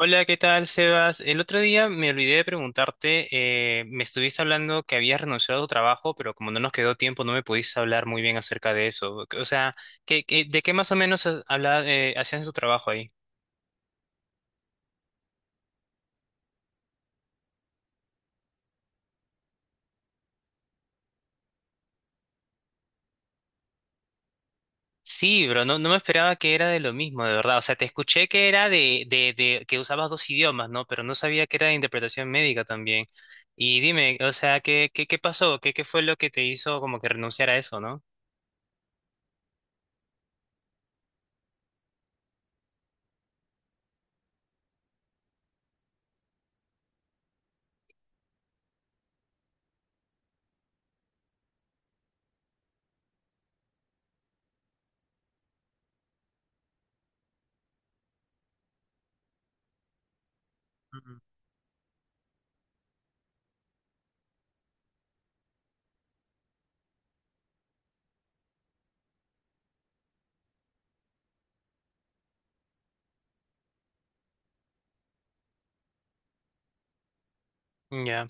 Hola, ¿qué tal, Sebas? El otro día me olvidé de preguntarte, me estuviste hablando que habías renunciado a tu trabajo, pero como no nos quedó tiempo, no me pudiste hablar muy bien acerca de eso. O sea, ¿de qué más o menos hacías en tu trabajo ahí? Sí, bro, no, no me esperaba que era de lo mismo, de verdad. O sea, te escuché que era de que usabas dos idiomas, ¿no? Pero no sabía que era de interpretación médica también. Y dime, o sea, ¿qué pasó? ¿Qué fue lo que te hizo como que renunciar a eso, ¿no? Ujú. Ya.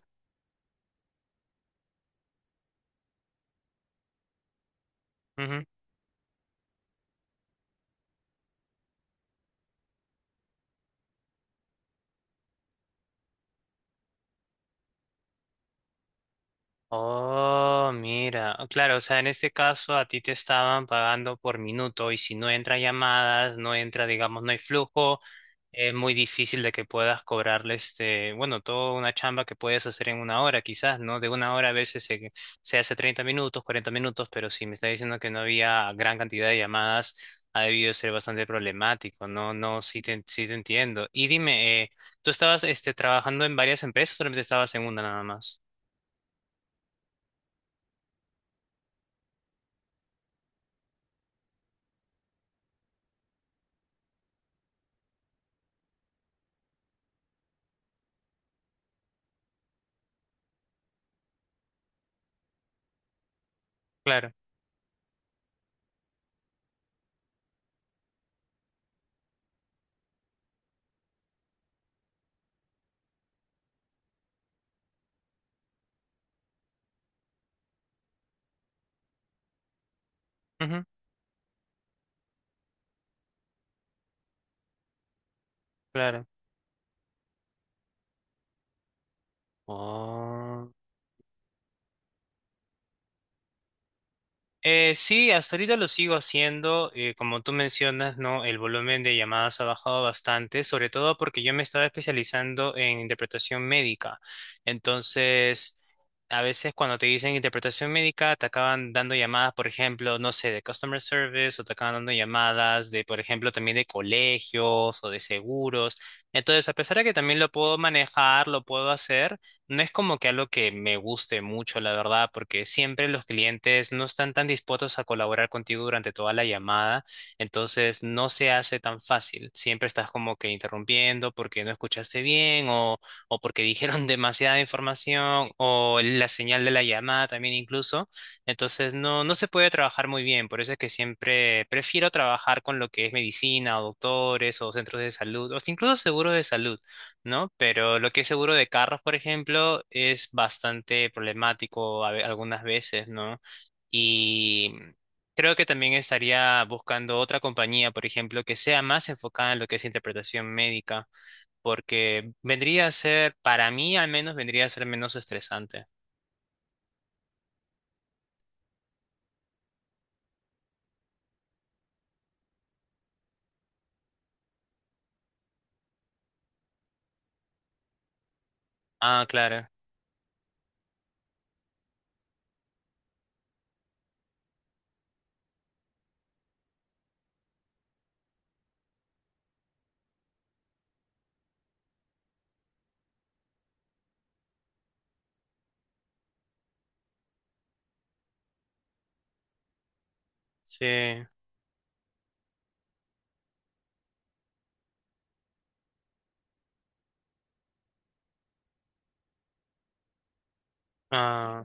Oh, mira. Oh, claro, o sea, en este caso a ti te estaban pagando por minuto y si no entra llamadas, no entra, digamos, no hay flujo, es muy difícil de que puedas cobrarle este, bueno, toda una chamba que puedes hacer en una hora quizás, ¿no? De una hora a veces se, se hace 30 minutos, 40 minutos, pero si me está diciendo que no había gran cantidad de llamadas, ha debido ser bastante problemático, ¿no? No, sí te entiendo. Y dime, ¿tú estabas este, trabajando en varias empresas o solamente estabas en una nada más? Claro. Claro. Oh. Sí, hasta ahorita lo sigo haciendo. Como tú mencionas, ¿no? El volumen de llamadas ha bajado bastante, sobre todo porque yo me estaba especializando en interpretación médica. Entonces, a veces cuando te dicen interpretación médica, te acaban dando llamadas, por ejemplo, no sé, de customer service o te acaban dando llamadas de, por ejemplo, también de colegios o de seguros. Entonces, a pesar de que también lo puedo manejar, lo puedo hacer. No es como que algo que me guste mucho, la verdad, porque siempre los clientes no están tan dispuestos a colaborar contigo durante toda la llamada, entonces no se hace tan fácil. Siempre estás como que interrumpiendo porque no escuchaste bien o porque dijeron demasiada información o la señal de la llamada también incluso. Entonces no, no se puede trabajar muy bien, por eso es que siempre prefiero trabajar con lo que es medicina o doctores o centros de salud o hasta incluso seguros de salud, ¿no? Pero lo que es seguro de carros, por ejemplo, es bastante problemático algunas veces, ¿no? Y creo que también estaría buscando otra compañía, por ejemplo, que sea más enfocada en lo que es interpretación médica, porque vendría a ser, para mí al menos, vendría a ser menos estresante. Ah, claro, sí. Ah,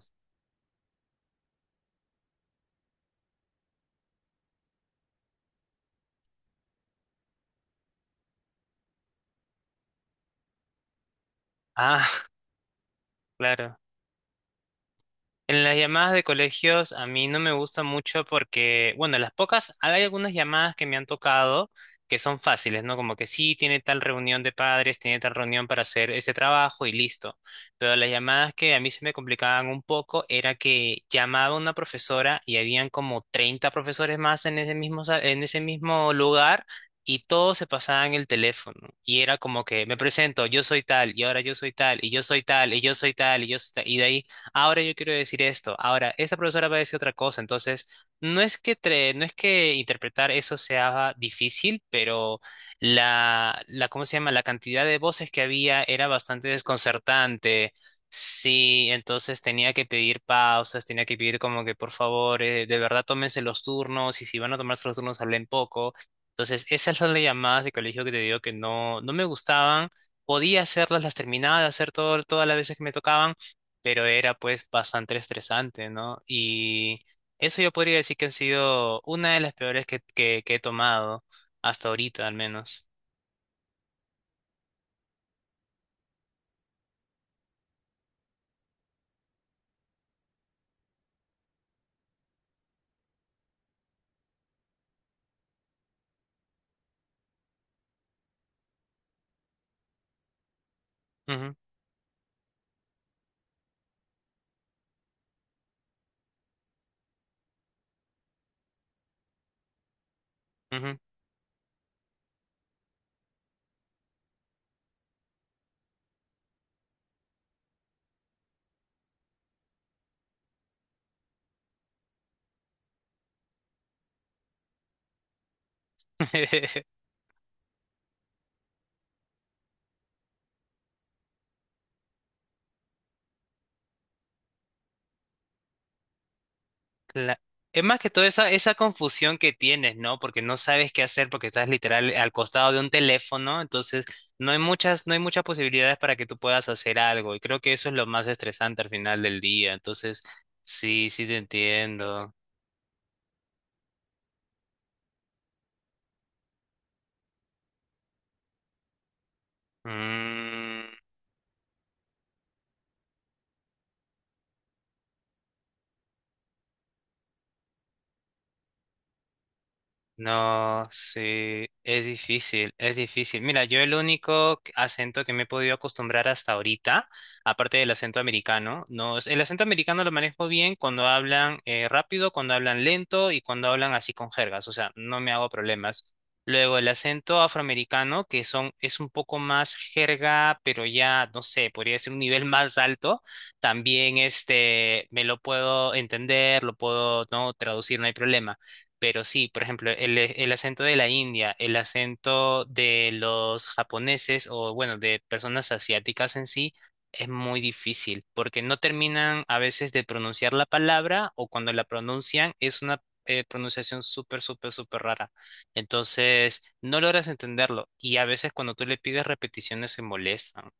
ah, claro. En las llamadas de colegios a mí no me gusta mucho porque, bueno, las pocas, hay algunas llamadas que me han tocado que son fáciles, ¿no? Como que sí, tiene tal reunión de padres, tiene tal reunión para hacer ese trabajo y listo. Pero las llamadas que a mí se me complicaban un poco era que llamaba una profesora y habían como 30 profesores más en ese mismo, en ese mismo lugar. Y todos se pasaban el teléfono. Y era como que me presento, yo soy tal, y ahora yo soy tal, y yo soy tal, y yo soy tal, y yo soy tal. Y de ahí ahora yo quiero decir esto, ahora esta profesora va a decir otra cosa, entonces no es que interpretar eso sea difícil, pero ¿cómo se llama? La cantidad de voces que había era bastante desconcertante. Sí, entonces tenía que pedir pausas, tenía que pedir como que por favor, de verdad tómense los turnos y si van a tomarse los turnos hablen poco. Entonces, esas son las llamadas de colegio que te digo que no, no me gustaban. Podía hacerlas, las terminaba de hacer todo, todas las veces que me tocaban pero era pues bastante estresante, ¿no? Y eso yo podría decir que ha sido una de las peores que he tomado, hasta ahorita al menos. Ujú, ujú. La- Es más que toda esa, esa confusión que tienes, ¿no? Porque no sabes qué hacer porque estás literal al costado de un teléfono, entonces no hay muchas, no hay muchas posibilidades para que tú puedas hacer algo, y creo que eso es lo más estresante al final del día, entonces sí, sí te entiendo. Mm. No, sí, es difícil, es difícil. Mira, yo el único acento que me he podido acostumbrar hasta ahorita, aparte del acento americano, no, el acento americano lo manejo bien cuando hablan rápido, cuando hablan lento y cuando hablan así con jergas, o sea, no me hago problemas. Luego el acento afroamericano, que son, es un poco más jerga, pero ya, no sé, podría ser un nivel más alto. También este, me lo puedo entender, lo puedo, no, traducir, no hay problema. Pero sí, por ejemplo, el acento de la India, el acento de los japoneses o, bueno, de personas asiáticas en sí, es muy difícil porque no terminan a veces de pronunciar la palabra o cuando la pronuncian es una pronunciación súper, súper, súper rara. Entonces, no logras entenderlo y a veces cuando tú le pides repeticiones se molestan.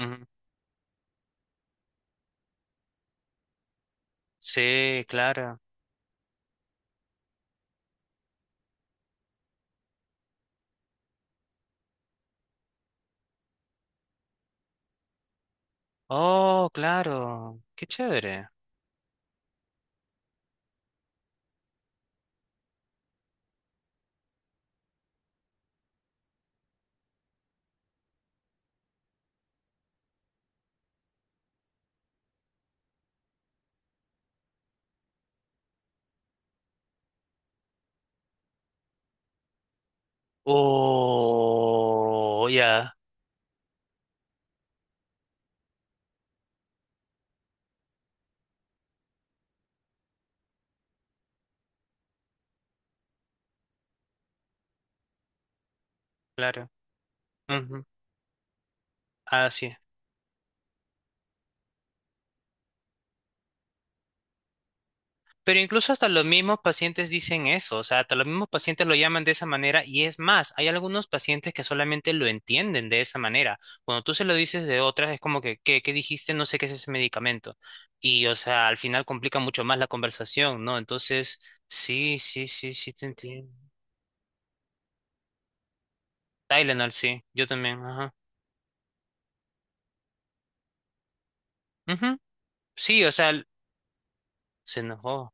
Ujú. Sí, claro. Oh, claro. Qué chévere. Oh, ya. Claro. Ujú. Así es. Pero incluso hasta los mismos pacientes dicen eso, o sea, hasta los mismos pacientes lo llaman de esa manera y es más, hay algunos pacientes que solamente lo entienden de esa manera. Cuando tú se lo dices de otras, es como que, ¿qué, qué dijiste? No sé qué es ese medicamento. Y, o sea, al final complica mucho más la conversación, ¿no? Entonces, sí, sí, sí, sí, te entiendo. Tylenol, sí, yo también, ajá. Ujú. Sí, o sea, se enojó.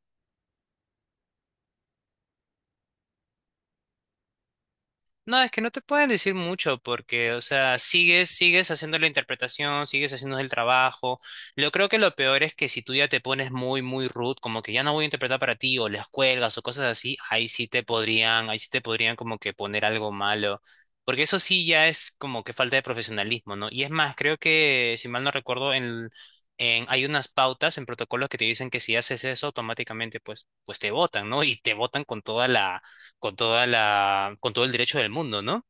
No, es que no te pueden decir mucho porque, o sea, sigues, sigues haciendo la interpretación, sigues haciendo el trabajo. Yo creo que lo peor es que si tú ya te pones muy, muy rude, como que ya no voy a interpretar para ti, o les cuelgas o cosas así, ahí sí te podrían, ahí sí te podrían como que poner algo malo. Porque eso sí ya es como que falta de profesionalismo, ¿no? Y es más, creo que, si mal no recuerdo, hay unas pautas en protocolos que te dicen que si haces eso automáticamente, pues, pues te botan, ¿no? Y te botan con toda la con toda la, con todo el derecho del mundo, ¿no?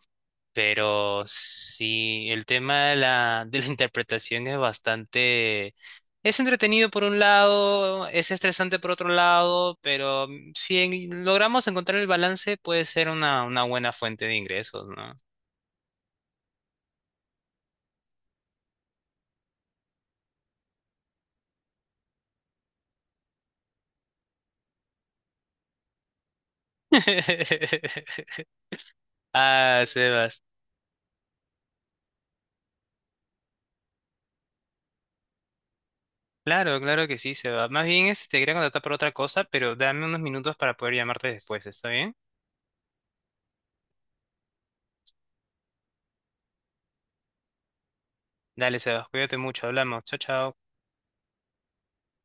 Pero sí, el tema de de la interpretación es bastante, es entretenido por un lado, es estresante por otro lado, pero si logramos encontrar el balance, puede ser una buena fuente de ingresos, ¿no? Ah, Sebas. Claro, claro que sí, Sebas. Más bien este, te quería contratar por otra cosa, pero dame unos minutos para poder llamarte después, ¿está bien? Dale, Sebas, cuídate mucho, hablamos. Chao, chao.